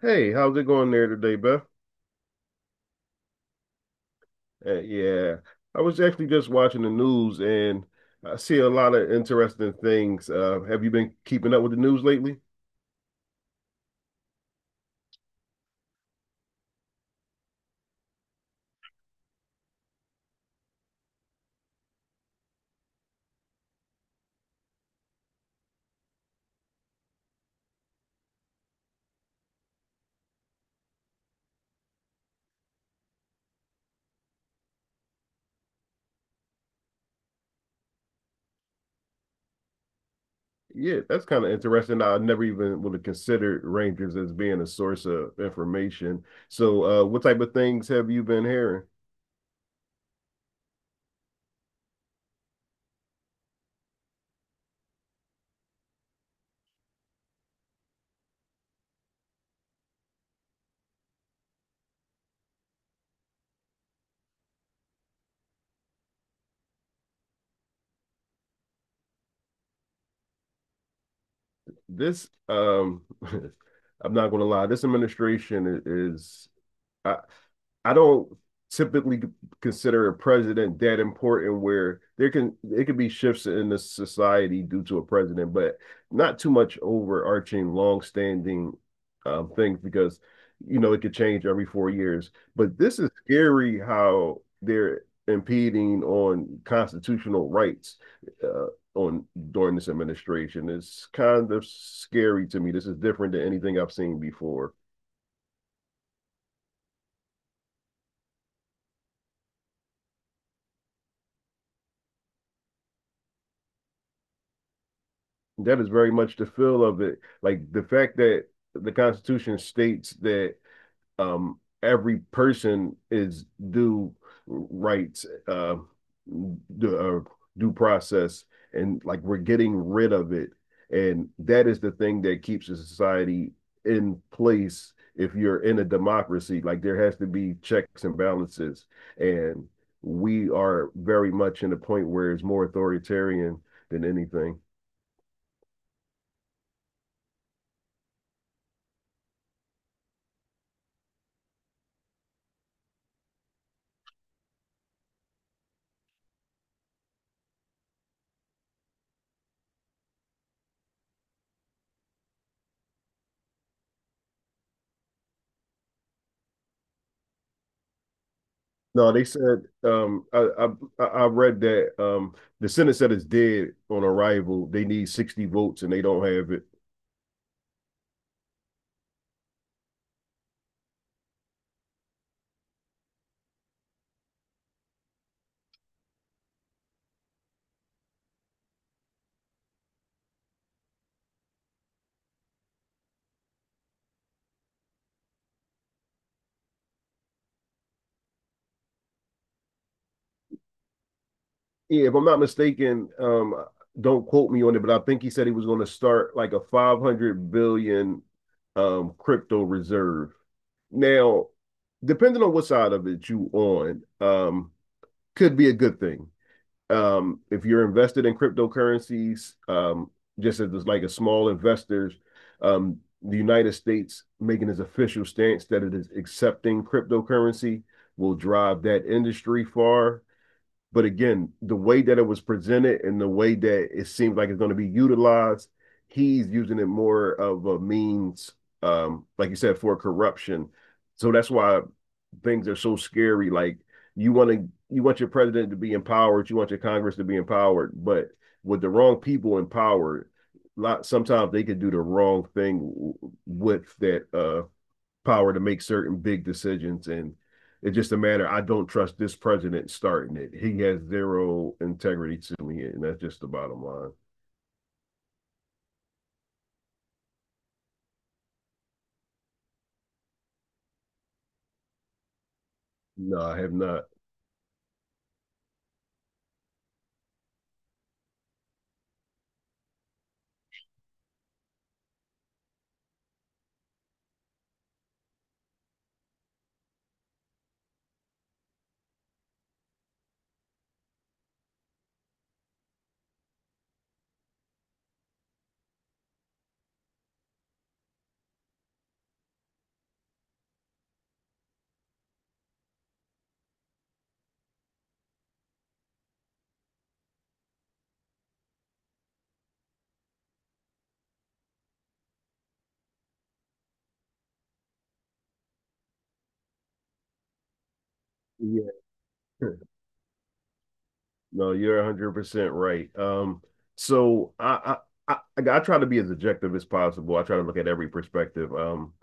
Hey, how's it going there today, Beth? Uh, yeah, I was actually just watching the news and I see a lot of interesting things. Have you been keeping up with the news lately? Yeah, that's kind of interesting. I never even would have considered Rangers as being a source of information. So, what type of things have you been hearing? This, I'm not going to lie, this administration is. I, I don't typically consider a president that important where there can it could be shifts in the society due to a president, but not too much overarching, long-standing things because you know it could change every 4 years. But this is scary how they're impeding on constitutional rights, uh, on during this administration. It's kind of scary to me. This is different than anything I've seen before. That is very much the feel of it. Like the fact that the Constitution states that every person is due rights, due, uh, due process, and like we're getting rid of it. And that is the thing that keeps a society in place if you're in a democracy. Like there has to be checks and balances. And we are very much in a point where it's more authoritarian than anything. No, they said I read that the Senate said it's dead on arrival. They need 60 votes and they don't have it. Yeah, if I'm not mistaken, don't quote me on it, but I think he said he was going to start like a 500 billion crypto reserve. Now, depending on what side of it you on, could be a good thing. If you're invested in cryptocurrencies, just as like a small investors, the United States making its official stance that it is accepting cryptocurrency will drive that industry far. But again, the way that it was presented and the way that it seems like it's going to be utilized, he's using it more of a means, like you said, for corruption. So that's why things are so scary. Like you want your president to be empowered, you want your Congress to be empowered, but with the wrong people empowered, lot sometimes they could do the wrong thing with that power to make certain big decisions. And it's just a matter, I don't trust this president starting it. He has zero integrity to me, and that's just the bottom line. No, I have not. Yeah. No, you're 100% right. So I, I try to be as objective as possible. I try to look at every perspective.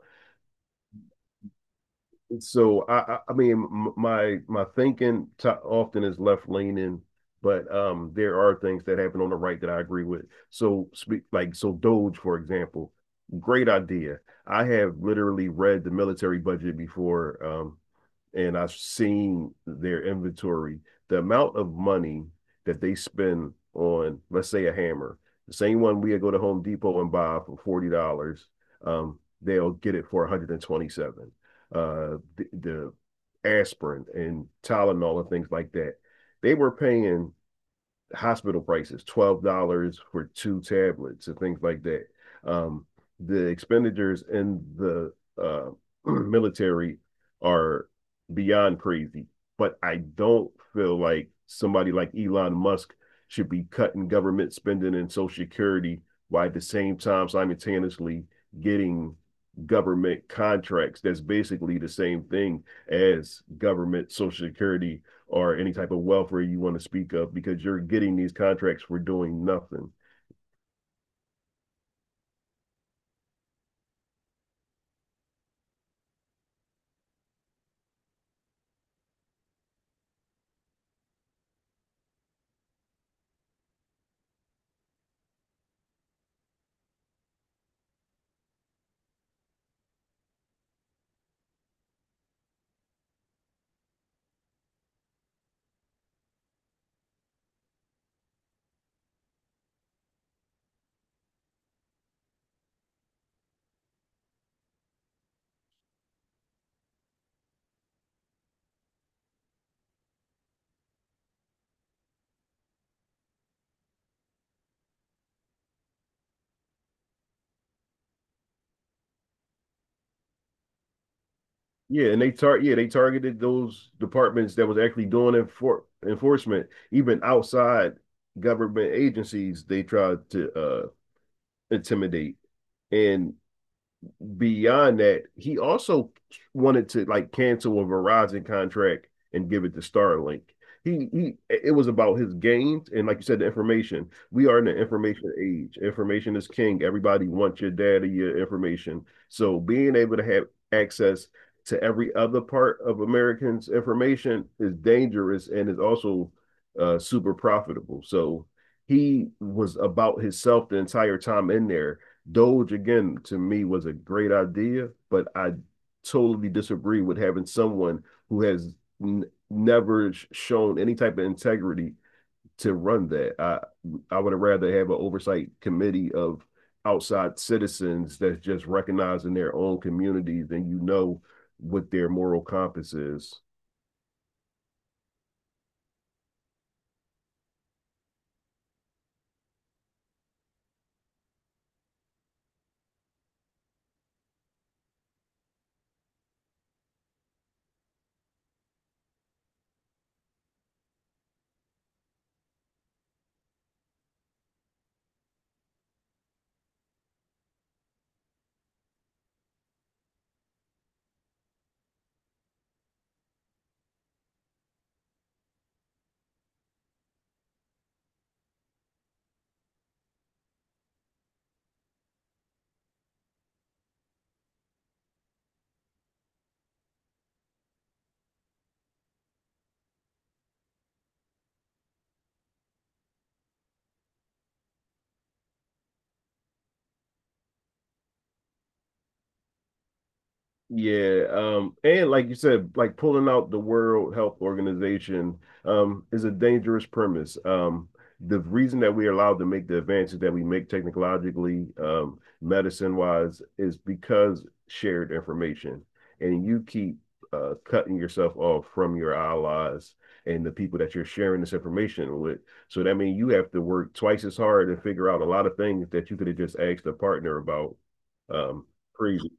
So I mean, my thinking often is left leaning, but there are things that happen on the right that I agree with. So speak like so Doge, for example, great idea. I have literally read the military budget before and I've seen their inventory, the amount of money that they spend on, let's say, a hammer, the same one we go to Home Depot and buy for $40, they'll get it for 127. Dollars. The, the aspirin and Tylenol and things like that, they were paying hospital prices, $12 for two tablets and things like that. Um, the expenditures in the uh, military are beyond crazy, but I don't feel like somebody like Elon Musk should be cutting government spending and Social Security while at the same time simultaneously getting government contracts. That's basically the same thing as government Social Security or any type of welfare you want to speak of because you're getting these contracts for doing nothing. Yeah, they targeted those departments that was actually doing enforcement, even outside government agencies they tried to intimidate. And beyond that, he also wanted to like cancel a Verizon contract and give it to Starlink. He it was about his gains, and like you said, the information, we are in the information age, information is king, everybody wants your data, your information, so being able to have access to every other part of americans information is dangerous and is also super profitable. So he was about himself the entire time in there. Doge again to me was a great idea, but I totally disagree with having someone who has n- never shown any type of integrity to run that. I would have rather have an oversight committee of outside citizens that's just recognizing their own communities and you know what their moral compass is. Yeah, and like you said, like pulling out the World Health Organization is a dangerous premise. The reason that we are allowed to make the advances that we make technologically, medicine-wise, is because shared information, and you keep cutting yourself off from your allies and the people that you're sharing this information with. So that means you have to work twice as hard to figure out a lot of things that you could have just asked a partner about. Um, Crazy,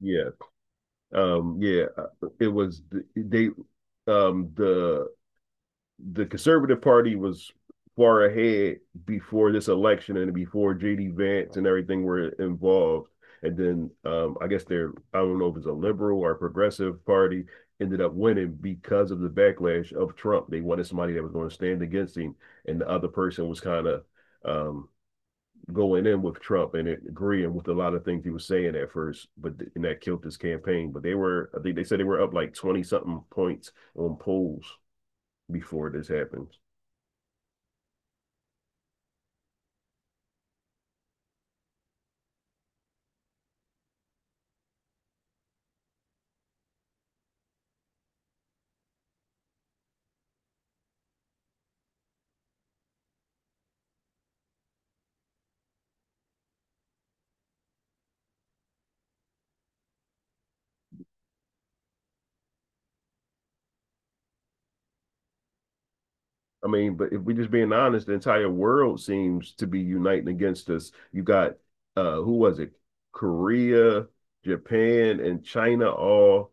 yeah. Yeah it was they um the the conservative party was far ahead before this election and before jd vance and everything were involved. And then I guess they're I don't know if it's a liberal or a progressive party ended up winning because of the backlash of trump. They wanted somebody that was going to stand against him, and the other person was kind of um going in with Trump and agreeing with a lot of things he was saying at first, but and that killed his campaign. But they were, I think they said they were up like 20 something points on polls before this happened. I mean, but if we're just being honest, the entire world seems to be uniting against us. You got, who was it? Korea, Japan, and China all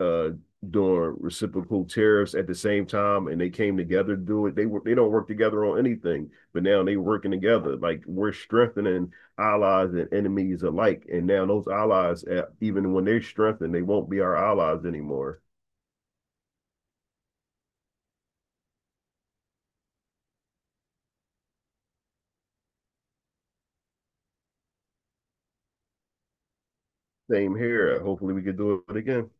uh doing reciprocal tariffs at the same time and they came together to do it. They don't work together on anything, but now they working together. Like we're strengthening allies and enemies alike. And now those allies, even when they're strengthened, they won't be our allies anymore. Same here. Hopefully we can do it again.